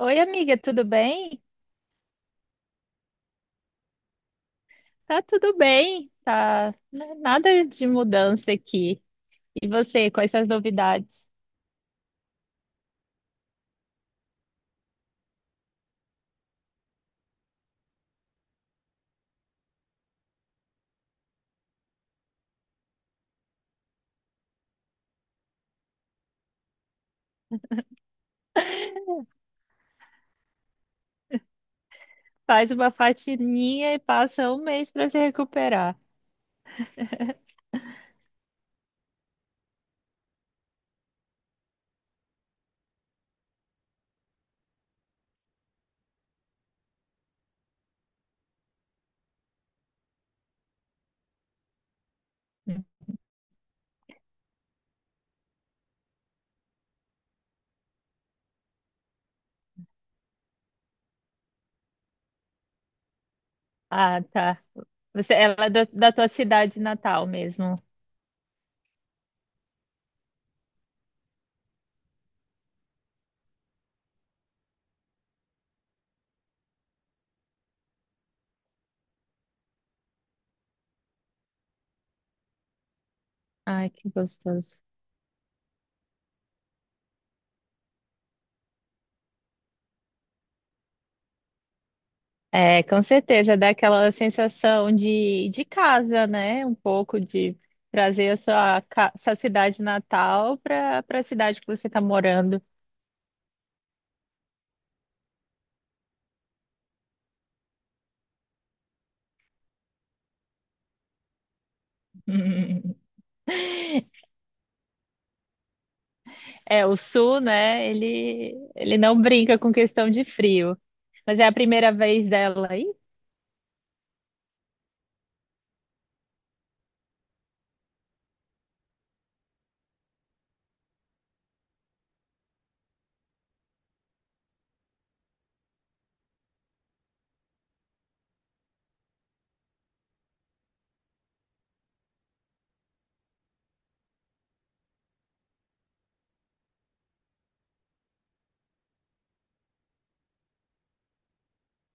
Oi, amiga, tudo bem? Tá tudo bem, tá n- nada de mudança aqui. E você, quais são as novidades? Faz uma faxininha e passa um mês para se recuperar. Ah, tá. Você, ela é da, da tua cidade natal mesmo. Ai, que gostoso. É, com certeza, dá aquela sensação de casa, né? Um pouco de trazer a sua, ca- sua cidade natal para para a cidade que você está morando. É, o sul, né? Ele não brinca com questão de frio. Mas é a primeira vez dela aí?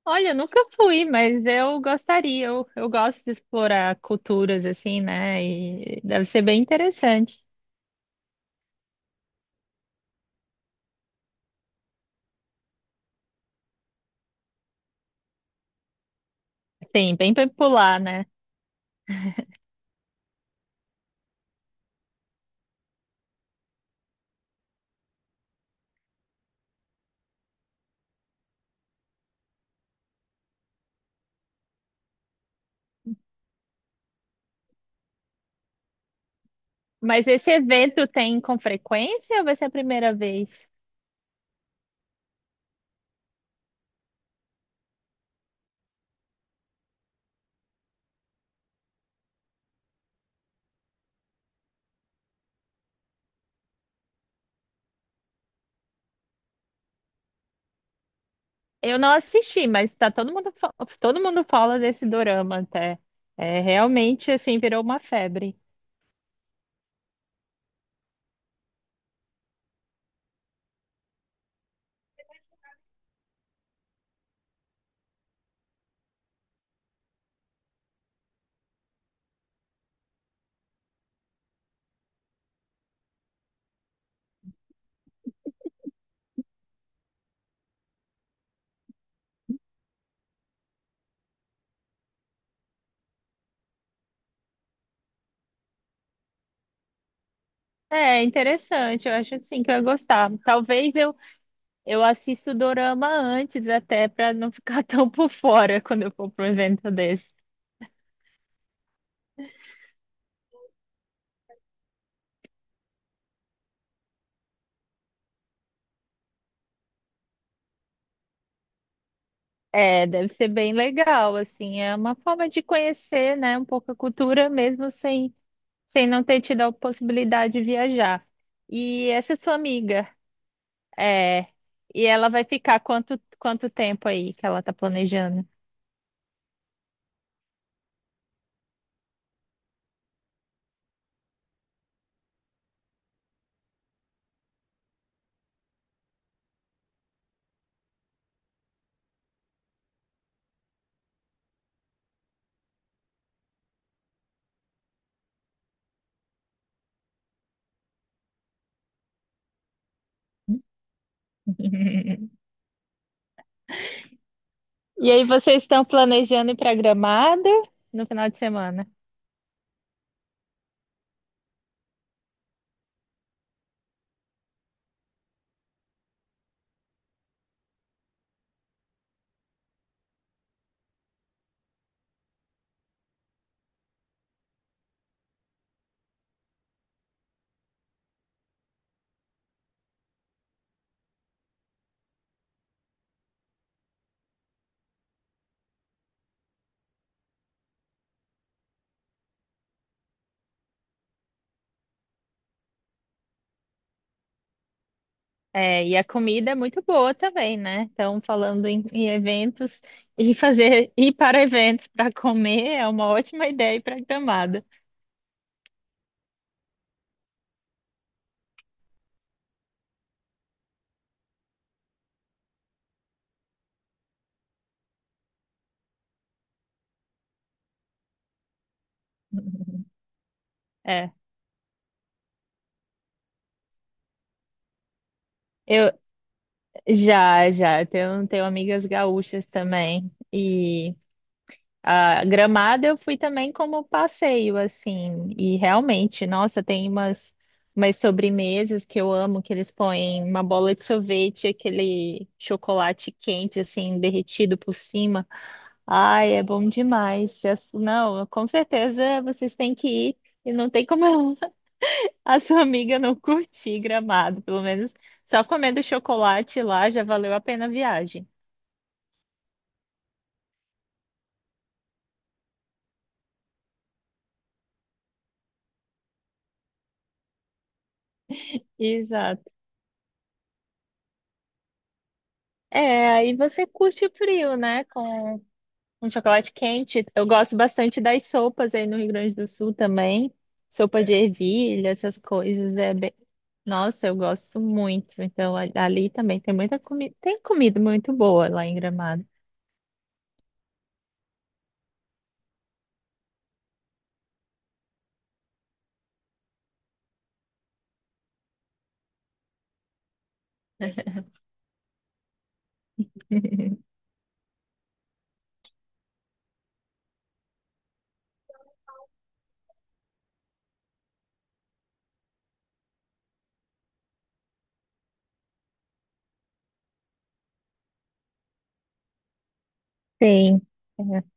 Olha, eu nunca fui, mas eu gostaria. Eu gosto de explorar culturas assim, né? E deve ser bem interessante. Sim, bem popular, né? Mas esse evento tem com frequência ou vai ser a primeira vez? Eu não assisti, mas tá todo mundo, fa- todo mundo fala desse dorama até. É, realmente, assim, virou uma febre. É interessante, eu acho assim que eu ia gostar. Talvez eu assista o dorama antes, até para não ficar tão por fora quando eu for para um evento desse. É, deve ser bem legal, assim, é uma forma de conhecer, né, um pouco a cultura mesmo sem, sem não ter tido a possibilidade de viajar. E essa sua amiga, é, e ela vai ficar quanto, quanto tempo aí que ela tá planejando? E aí vocês estão planejando ir para Gramado no final de semana? É, e a comida é muito boa também, né? Então, falando em, em eventos, e fazer ir para eventos para comer é uma ótima ideia para Gramado. É, eu já, já, tenho, tenho amigas gaúchas também. E a Gramado eu fui também como passeio, assim. E realmente, nossa, tem umas, umas sobremesas que eu amo, que eles põem uma bola de sorvete, aquele chocolate quente, assim, derretido por cima. Ai, é bom demais. As- Não, com certeza vocês têm que ir. E não tem como eu- a sua amiga não curtir Gramado, pelo menos só comendo chocolate lá já valeu a pena a viagem. Exato. É, aí você curte o frio, né? Com um chocolate quente. Eu gosto bastante das sopas aí no Rio Grande do Sul também. Sopa de ervilha, essas coisas. É bem... Nossa, eu gosto muito. Então, a- ali também tem muita comida. Tem comida muito boa lá em Gramado. Sim.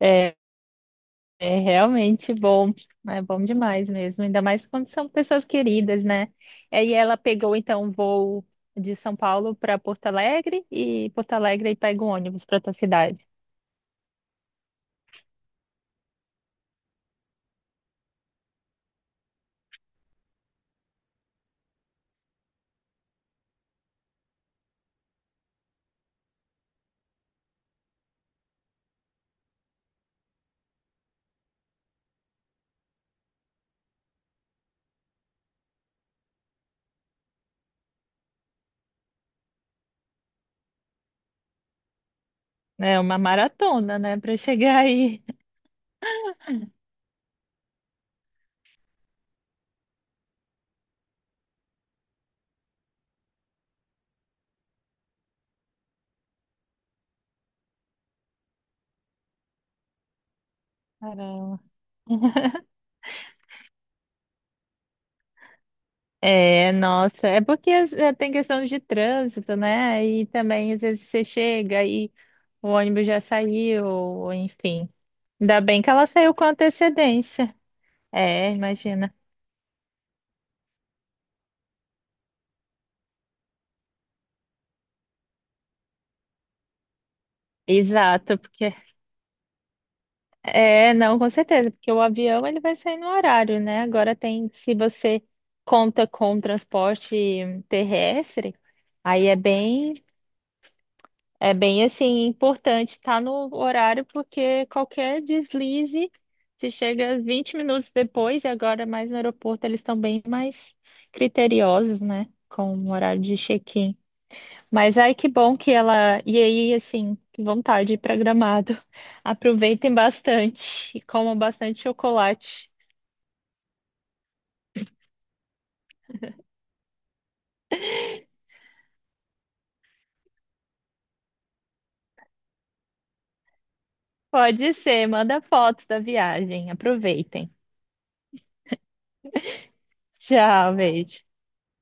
É, é realmente bom, é bom demais mesmo, ainda mais quando são pessoas queridas, né? Aí ela pegou então um voo de São Paulo para Porto Alegre e Porto Alegre aí pega um ônibus para tua cidade. É uma maratona, né, para chegar aí. Caramba. É, nossa, é porque é, tem questão de trânsito, né? E também às vezes você chega e o ônibus já saiu, enfim. Ainda bem que ela saiu com antecedência. É, imagina. Exato, porque é, não, com certeza, porque o avião ele vai sair no horário, né? Agora tem, se você conta com transporte terrestre, aí é bem assim importante estar no horário, porque qualquer deslize, se chega 20 minutos depois e agora mais no aeroporto, eles estão bem mais criteriosos, né? Com o horário de check-in. Mas ai, que bom que ela. E aí, assim, que vontade de ir pra Gramado. Aproveitem bastante e comam bastante chocolate. Pode ser, manda fotos da viagem. Aproveitem. Tchau, beijo.